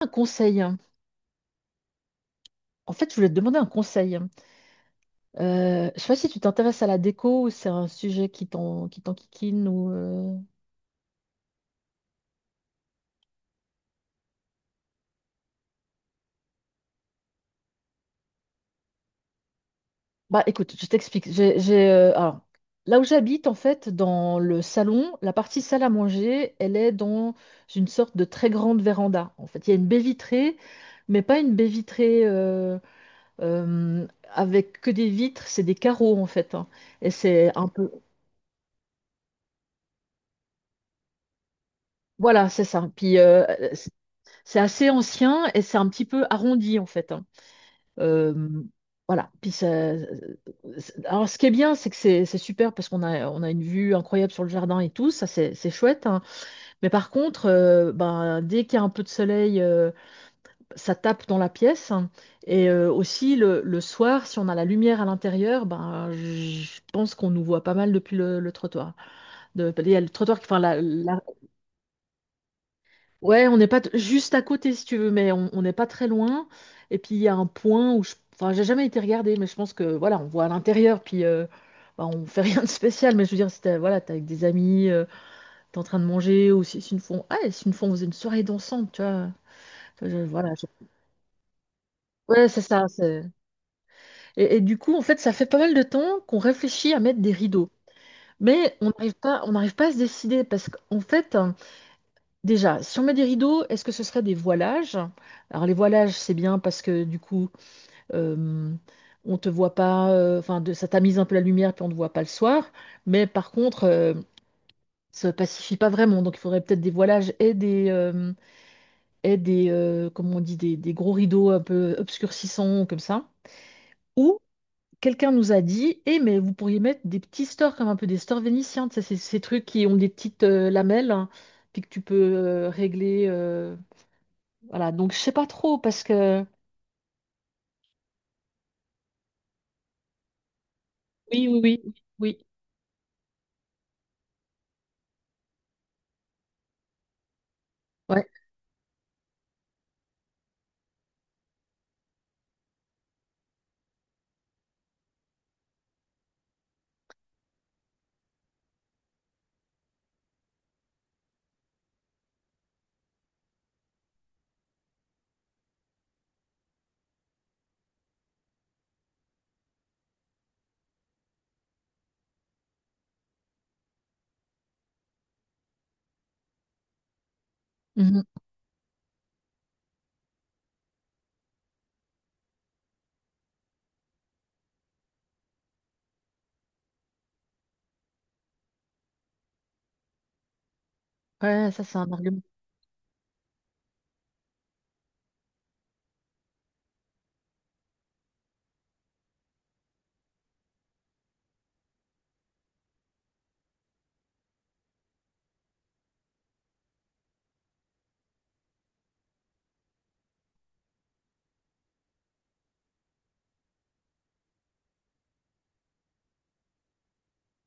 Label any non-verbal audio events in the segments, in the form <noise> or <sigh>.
Un conseil. En fait, je voulais te demander un conseil. Je sais pas si tu t'intéresses à la déco ou c'est un sujet qui t'enquiquine ou bah écoute, je t'explique. Alors là où j'habite en fait, dans le salon, la partie salle à manger, elle est dans une sorte de très grande véranda. En fait, il y a une baie vitrée, mais pas une baie vitrée euh, avec que des vitres, c'est des carreaux en fait, hein. Et c'est un peu... Voilà, c'est ça. Puis C'est assez ancien et c'est un petit peu arrondi en fait, hein. Euh, voilà. Alors ce qui est bien, c'est que c'est super parce qu'on a, on a une vue incroyable sur le jardin et tout, ça c'est chouette, hein. Mais par contre, dès qu'il y a un peu de soleil, ça tape dans la pièce, hein. Et aussi le soir, si on a la lumière à l'intérieur, ben, je pense qu'on nous voit pas mal depuis le trottoir. De, il y a le trottoir, enfin la, la... Ouais, on n'est pas t- juste à côté si tu veux, mais on n'est pas très loin. Et puis il y a un point où je... Enfin, j'ai jamais été regarder, mais je pense que voilà, on voit à l'intérieur, puis bah, on fait <laughs> rien de spécial. Mais je veux dire, si t'es voilà, t'es avec des amis, t'es en train de manger, ou si, si une fois, ah, et si une fois on faisait une soirée dansante, tu vois. Voilà. Ouais, c'est ça. Et du coup, en fait, ça fait pas mal de temps qu'on réfléchit à mettre des rideaux, mais on n'arrive pas à se décider parce qu'en fait... Déjà, si on met des rideaux, est-ce que ce serait des voilages? Alors les voilages, c'est bien parce que du coup, euh, on te voit pas, enfin, de, ça tamise un peu la lumière puis on ne voit pas le soir. Mais par contre, ça pacifie pas vraiment. Donc il faudrait peut-être des voilages et des, comment on dit, des gros rideaux un peu obscurcissants comme ça. Ou quelqu'un nous a dit, eh mais vous pourriez mettre des petits stores comme un peu des stores vénitiens. Tu sais, ces, ces trucs qui ont des petites lamelles hein, puis que tu peux régler. Voilà, donc je sais pas trop parce que... Oui, oui, oui, oui. Ouais, mhm, ouais, ça c'est un argument.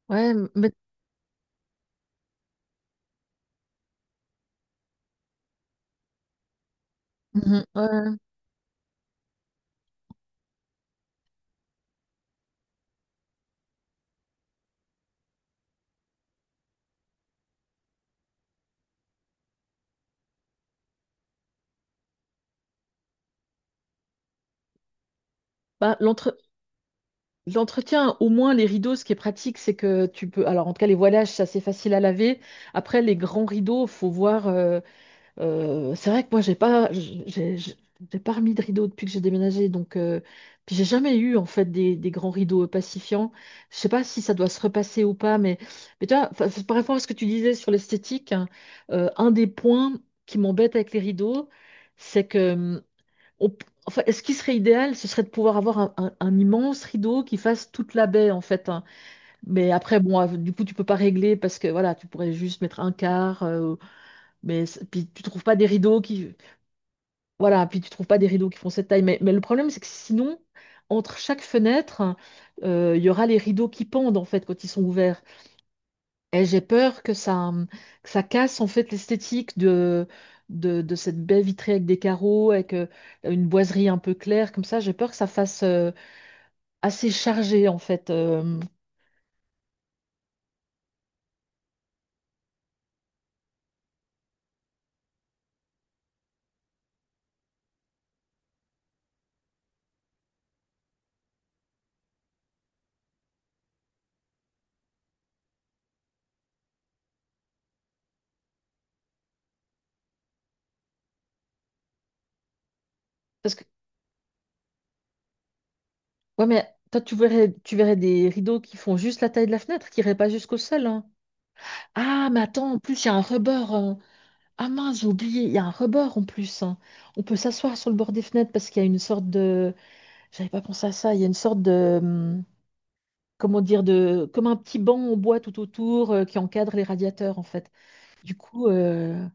Ouais, mais mhm, ouais. Bah, l'entre- L'entretien, au moins les rideaux, ce qui est pratique, c'est que tu peux... Alors, en tout cas, les voilages, c'est assez facile à laver. Après, les grands rideaux, faut voir. C'est vrai que moi, j'ai pas remis de rideau depuis que j'ai déménagé, donc puis j'ai jamais eu en fait des grands rideaux pacifiants. Je sais pas si ça doit se repasser ou pas, mais tu vois, enfin, c'est par rapport à ce que tu disais sur l'esthétique, hein, un des points qui m'embête avec les rideaux, c'est que enfin, ce qui serait idéal, ce serait de pouvoir avoir un, un immense rideau qui fasse toute la baie en fait, hein. Mais après, bon, du coup, tu peux pas régler parce que voilà, tu pourrais juste mettre un quart. Puis tu trouves pas des rideaux qui... Voilà, puis tu trouves pas des rideaux qui font cette taille. Mais le problème, c'est que sinon, entre chaque fenêtre, il y aura les rideaux qui pendent en fait quand ils sont ouverts. Et j'ai peur que ça casse en fait l'esthétique de cette baie vitrée avec des carreaux, avec une boiserie un peu claire comme ça. J'ai peur que ça fasse assez chargé en fait. Parce que... Ouais, mais toi tu verrais des rideaux qui font juste la taille de la fenêtre, qui iraient pas jusqu'au sol, hein. Ah, mais attends, en plus, il y a un rebord. Ah mince, j'ai oublié, il y a un rebord en plus, hein. On peut s'asseoir sur le bord des fenêtres parce qu'il y a une sorte de... J'avais pas pensé à ça, il y a une sorte de... Comment dire, de... comme un petit banc en bois tout autour qui encadre les radiateurs en fait. Du coup,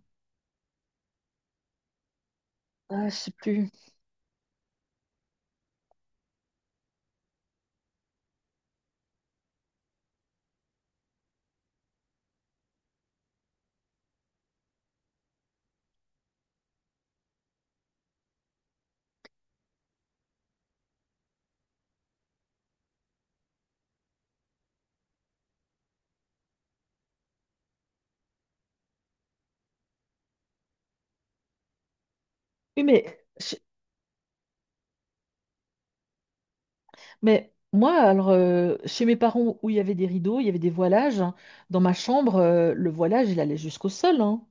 ah, je sais plus. Oui, mais, je- mais moi, alors, chez mes parents où il y avait des rideaux, il y avait des voilages, hein, dans ma chambre, le voilage, il allait jusqu'au sol, hein.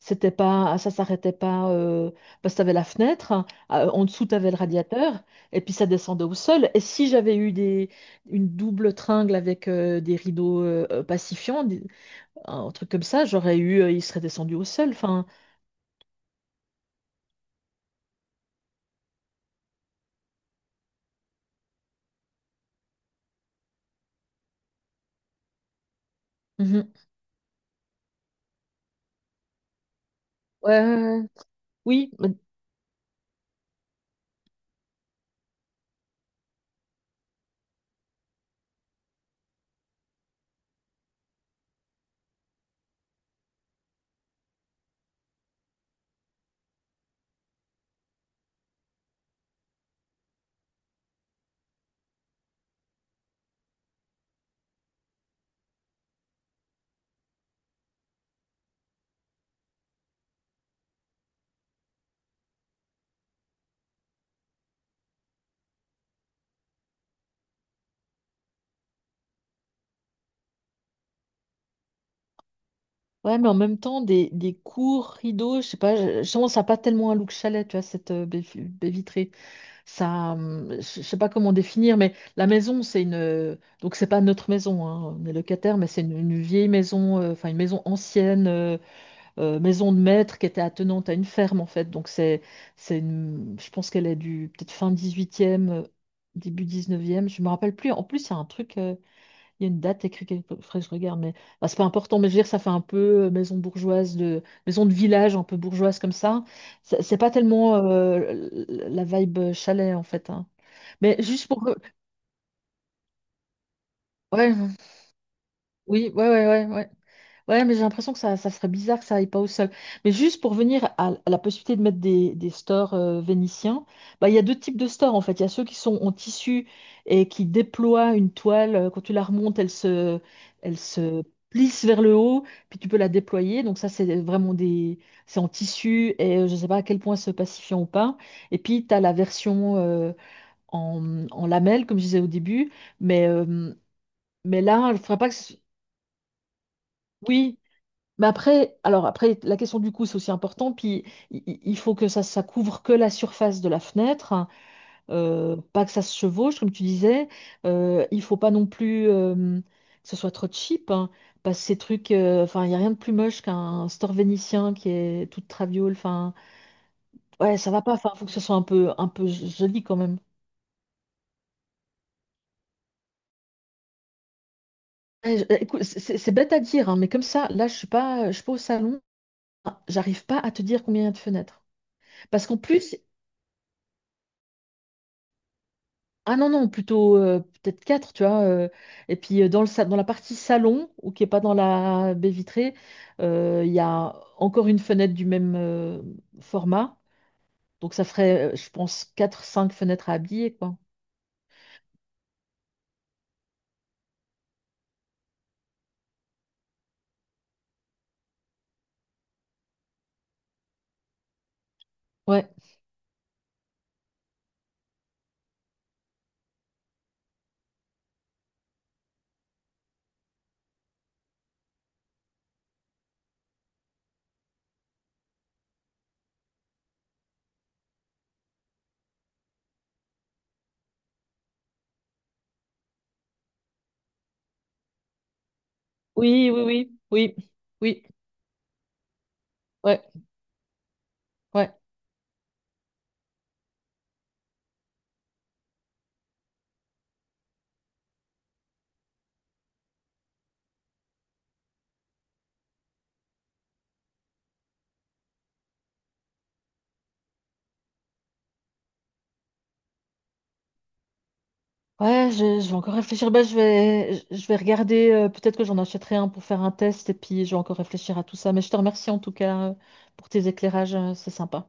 C'était pas, ça s'arrêtait pas parce que t'avais la fenêtre, hein, en dessous t'avais le radiateur, et puis ça descendait au sol. Et si j'avais eu des, une double tringle avec des rideaux pacifiants, un truc comme ça, il serait descendu au sol. Enfin, mhm. Ouais, ouais, ouais. Oui, mais, ouais, mais en même temps, des courts rideaux, je sais pas, je pense à pas tellement un look chalet, tu vois, cette baie vitrée. Ça, je sais pas comment définir, mais la maison, c'est une, donc c'est pas notre maison, hein, on est locataire, mais c'est une vieille maison, enfin une maison ancienne, maison de maître qui était attenante à une ferme en fait. Donc c'est, je pense qu'elle est du peut-être fin 18e, début 19e, je me rappelle plus. En plus, il y a un truc. Il y a une date écrite quelque part, faudrait que je regarde, mais bah, c'est pas important. Mais je veux dire, ça fait un peu maison bourgeoise de maison de village, un peu bourgeoise comme ça. C'est pas tellement la vibe chalet en fait, hein. Mais juste pour, ouais, oui, ouais, ouais, ouais, ouais. Ouais, mais j'ai l'impression que ça serait bizarre que ça aille pas au sol. Mais juste pour venir à la possibilité de mettre des stores vénitiens, bah, il y a deux types de stores en fait. Il y a ceux qui sont en tissu et qui déploient une toile. Quand tu la remontes, elle se plisse vers le haut, puis tu peux la déployer. Donc ça, c'est vraiment des, c'est en tissu et je ne sais pas à quel point c'est pacifiant ou pas. Et puis, tu as la version en, en lamelles, comme je disais au début. Mais, euh, mais là, il ne faudrait pas que... Oui, mais après, alors après, la question du coût, c'est aussi important. Puis il faut que ça couvre que la surface de la fenêtre, hein, pas que ça se chevauche, comme tu disais. Il faut pas non plus que ce soit trop cheap, hein, parce que ces trucs, enfin, il y a rien de plus moche qu'un store vénitien qui est toute traviole. Enfin, ouais, ça va pas. Enfin, faut que ce soit un peu joli quand même. Eh, écoute, c'est bête à dire, hein, mais comme ça, là, je suis pas au salon, j'arrive pas à te dire combien il y a de fenêtres. Parce qu'en plus, ah non, non, plutôt peut-être quatre, tu vois. Et puis dans le, dans la partie salon, ou qui n'est pas dans la baie vitrée, il y a encore une fenêtre du même format. Donc ça ferait, je pense, quatre, cinq fenêtres à habiller, quoi. Ouais. Oui, oui, oui, oui, oui, ouais, ouais. Ouais, je vais encore réfléchir. Bah, je vais, je vais regarder, peut-être que j'en achèterai un pour faire un test, et puis je vais encore réfléchir à tout ça. Mais je te remercie en tout cas pour tes éclairages, c'est sympa.